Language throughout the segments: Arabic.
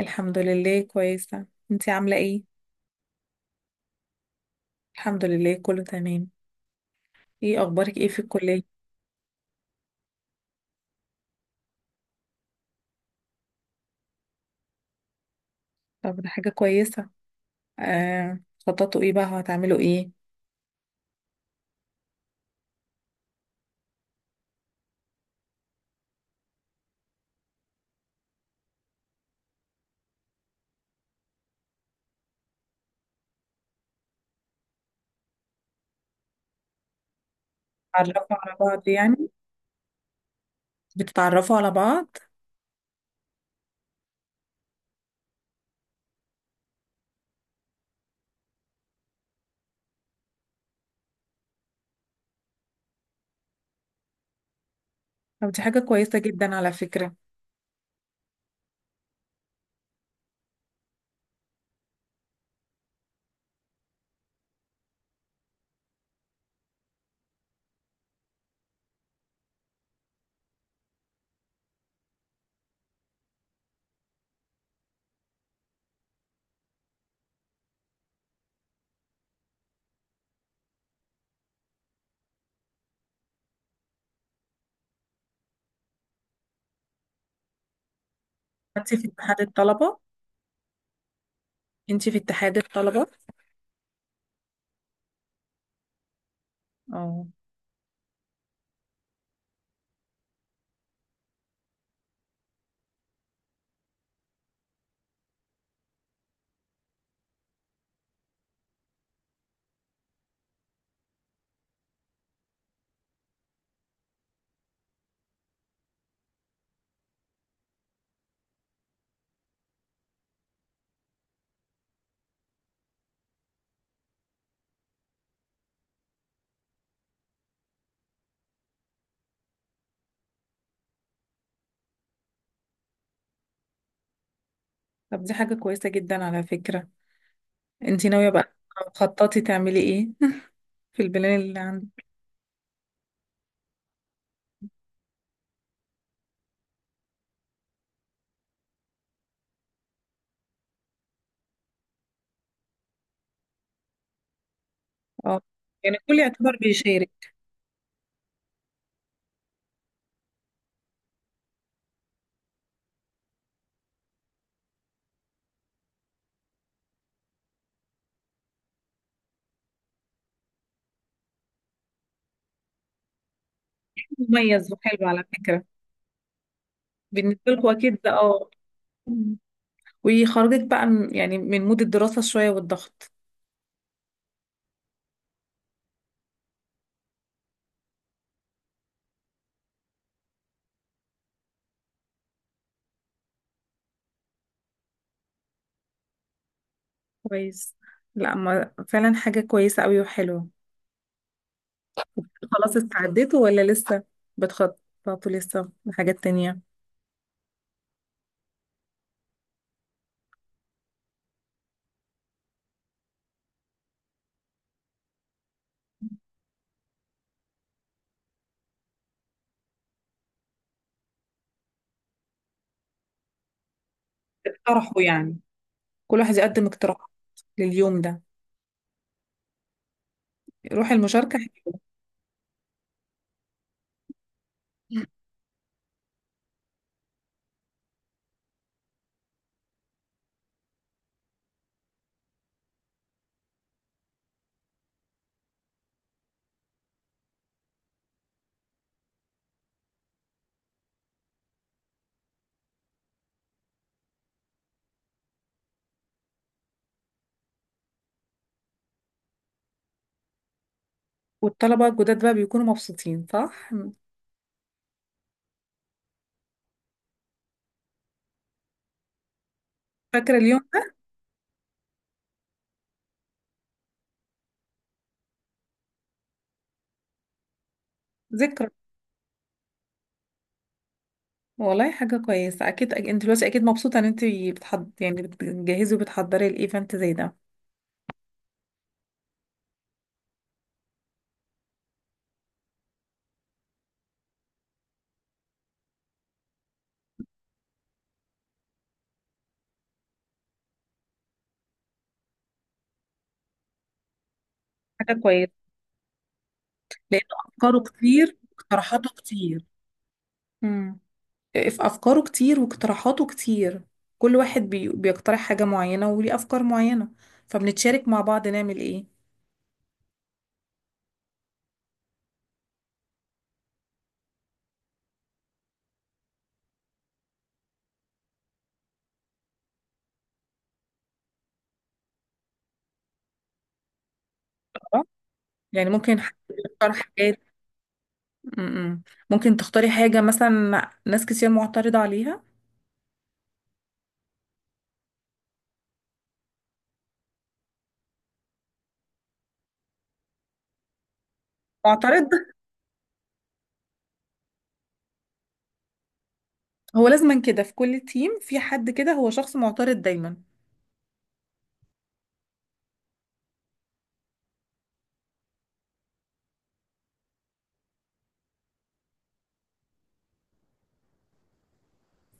الحمد لله كويسة. انتي عاملة ايه؟ الحمد لله كله تمام. ايه اخبارك ايه في الكلية؟ طب ده حاجة كويسة. آه. خططوا ايه بقى، هتعملوا ايه؟ تعرفوا على بعض يعني؟ بتتعرفوا على بعض؟ طب دي حاجة كويسة جدا على فكرة. انتي في اتحاد الطلبة؟ انتي في اتحاد الطلبة؟ اه. طب دي حاجة كويسة جدا على فكرة. انتي ناوية بقى خططي تعملي ايه في البلان اللي عندك؟ اه، يعني الكل يعتبر بيشارك. مميز وحلو على فكرة بالنسبة لكم، أكيد ده اه. ويخرجك بقى يعني من مود الدراسة شوية والضغط. كويس. لا، ما فعلا حاجة كويسة قوي وحلوة. خلاص، استعديتوا ولا لسه بتخططوا لسه لحاجات تانية؟ اقترحوا يعني، كل واحد يقدم اقتراح لليوم ده. روح المشاركة حلوة. والطلبة الجداد بقى بيكونوا مبسوطين، صح؟ فاكرة اليوم ده؟ ذكرى. والله حاجة كويسة أكيد. أنت دلوقتي أكيد مبسوطة إن أنت بتحض، يعني بتجهزي وبتحضري الإيفنت زي ده. حاجة كويسة، لأن أفكاره كتير واقتراحاته كتير. مم. في أفكاره كتير واقتراحاته كتير، كل واحد بيقترح حاجة معينة وليه أفكار معينة، فبنتشارك مع بعض نعمل إيه. آه، يعني ممكن حد يختار حاجات. م-م. ممكن تختاري حاجة مثلا ناس كتير معترضة عليها. معترض. هو لازما كده في كل تيم في حد كده هو شخص معترض دايما.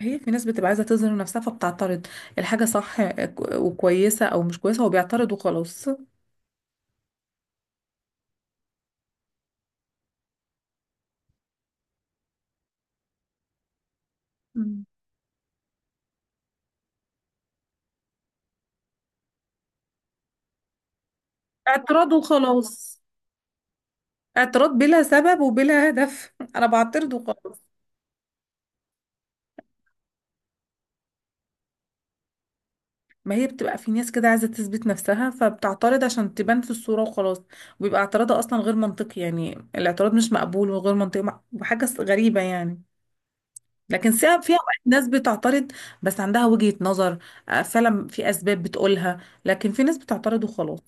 هي في ناس بتبقى عايزة تظهر نفسها فبتعترض. الحاجة صح وكويسة أو مش كويسة، هو بيعترض وخلاص. مم. اعتراض وخلاص. اعتراض بلا سبب وبلا هدف انا بعترض وخلاص. ما هي بتبقى في ناس كده عايزه تثبت نفسها فبتعترض عشان تبان في الصوره وخلاص. وبيبقى اعتراضها اصلا غير منطقي، يعني الاعتراض مش مقبول وغير منطقي وحاجه غريبه يعني. لكن في اوقات ناس بتعترض بس عندها وجهه نظر، آه، فعلا في اسباب بتقولها، لكن في ناس بتعترض وخلاص.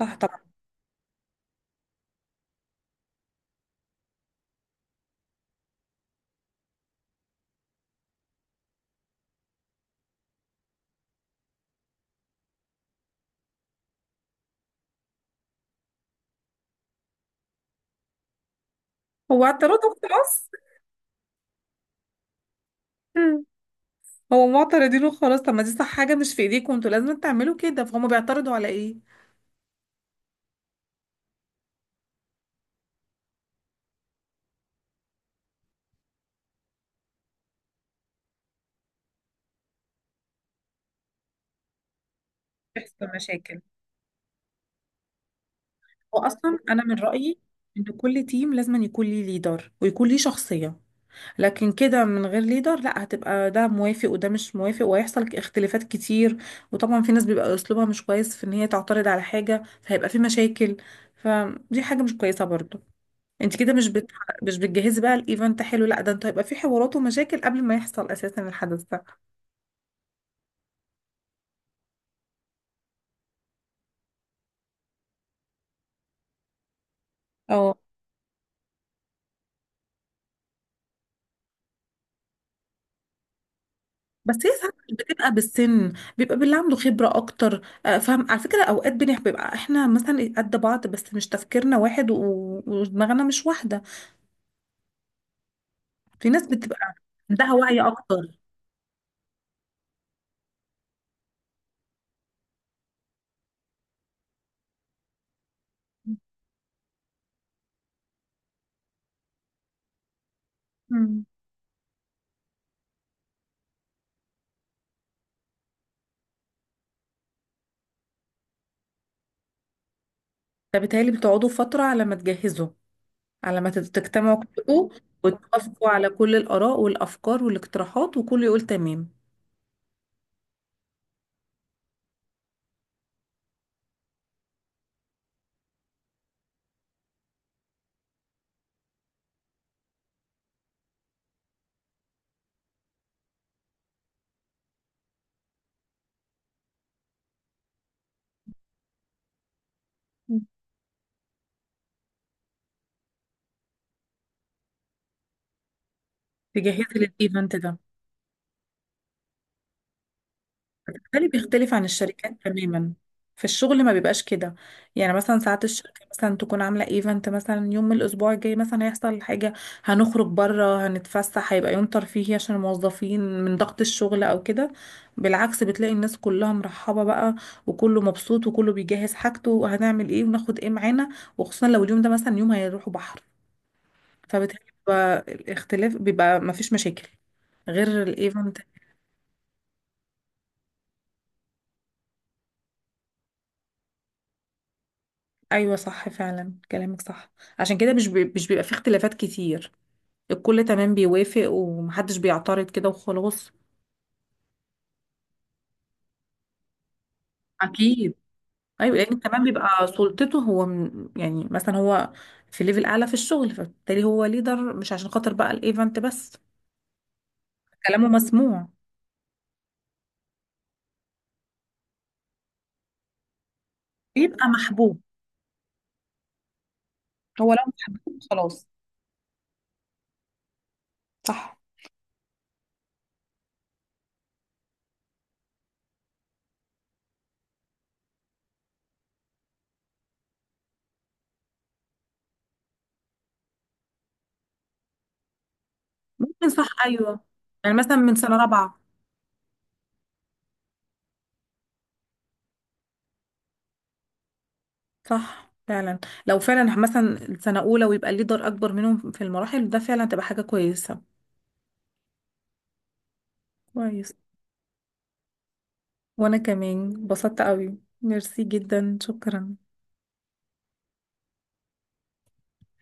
صح طبعا. هو اعتراضه وخلاص. مم. هو معترضين وخلاص. طب ما دي صح، حاجه مش في ايديكم، انتوا لازم تعملوا كده، فهم بيعترضوا على ايه؟ بيحصل مشاكل، واصلا انا من رايي ان كل تيم لازم يكون ليه ليدر ويكون ليه شخصيه. لكن كده من غير ليدر، لا، هتبقى ده موافق وده مش موافق، وهيحصل اختلافات كتير. وطبعا في ناس بيبقى اسلوبها مش كويس في ان هي تعترض على حاجه، فهيبقى في مشاكل. فدي حاجه مش كويسه برضو. انت كده مش بتجهزي بقى الايفنت حلو، لا ده انت هيبقى في حوارات ومشاكل قبل ما يحصل اساسا الحدث ده. بس هي ساعات مش بتبقى بالسن، بيبقى باللي عنده خبرة أكتر. آه، فاهم على فكرة، أوقات بيبقى إحنا مثلا قد بعض بس مش تفكيرنا واحد ودماغنا مش واحدة. في ناس بتبقى عندها وعي أكتر. مم. فبالتهيألي بتقعدوا فترة على ما تجهزوا، على ما تجتمعوا كلكم وتوافقوا على كل الآراء والأفكار والاقتراحات وكله يقول تمام. تجهزي للإيفنت ده بالتالي بيختلف عن الشركات تماما. في الشغل ما بيبقاش كده. يعني مثلا ساعات الشركة مثلا تكون عاملة ايفنت مثلا يوم من الأسبوع الجاي، مثلا هيحصل حاجة، هنخرج بره هنتفسح، هيبقى يوم ترفيهي عشان الموظفين من ضغط الشغل أو كده. بالعكس، بتلاقي الناس كلها مرحبة بقى، وكله مبسوط وكله بيجهز حاجته، وهنعمل ايه وناخد ايه معانا، وخصوصا لو اليوم ده مثلا يوم هيروحوا بحر. فبالتالي بيبقى الاختلاف، بيبقى مفيش مشاكل غير الايفنت. ايوه صح فعلا، كلامك صح. عشان كده مش بيبقى فيه اختلافات كتير، الكل تمام بيوافق ومحدش بيعترض كده وخلاص. اكيد. ايوه، لان كمان بيبقى سلطته هو من، يعني مثلا هو في ليفل اعلى في الشغل، فبالتالي هو ليدر مش عشان خاطر بقى الايفنت بس. كلامه مسموع. بيبقى محبوب. هو لو محبوب خلاص. صح. ممكن صح ايوه، يعني مثلا من سنه رابعه. صح فعلا، لو فعلا مثلا سنه اولى ويبقى الليدر اكبر منهم في المراحل ده، فعلا تبقى حاجه كويسه. كويس. وانا كمان اتبسطت قوي، ميرسي جدا، شكرا.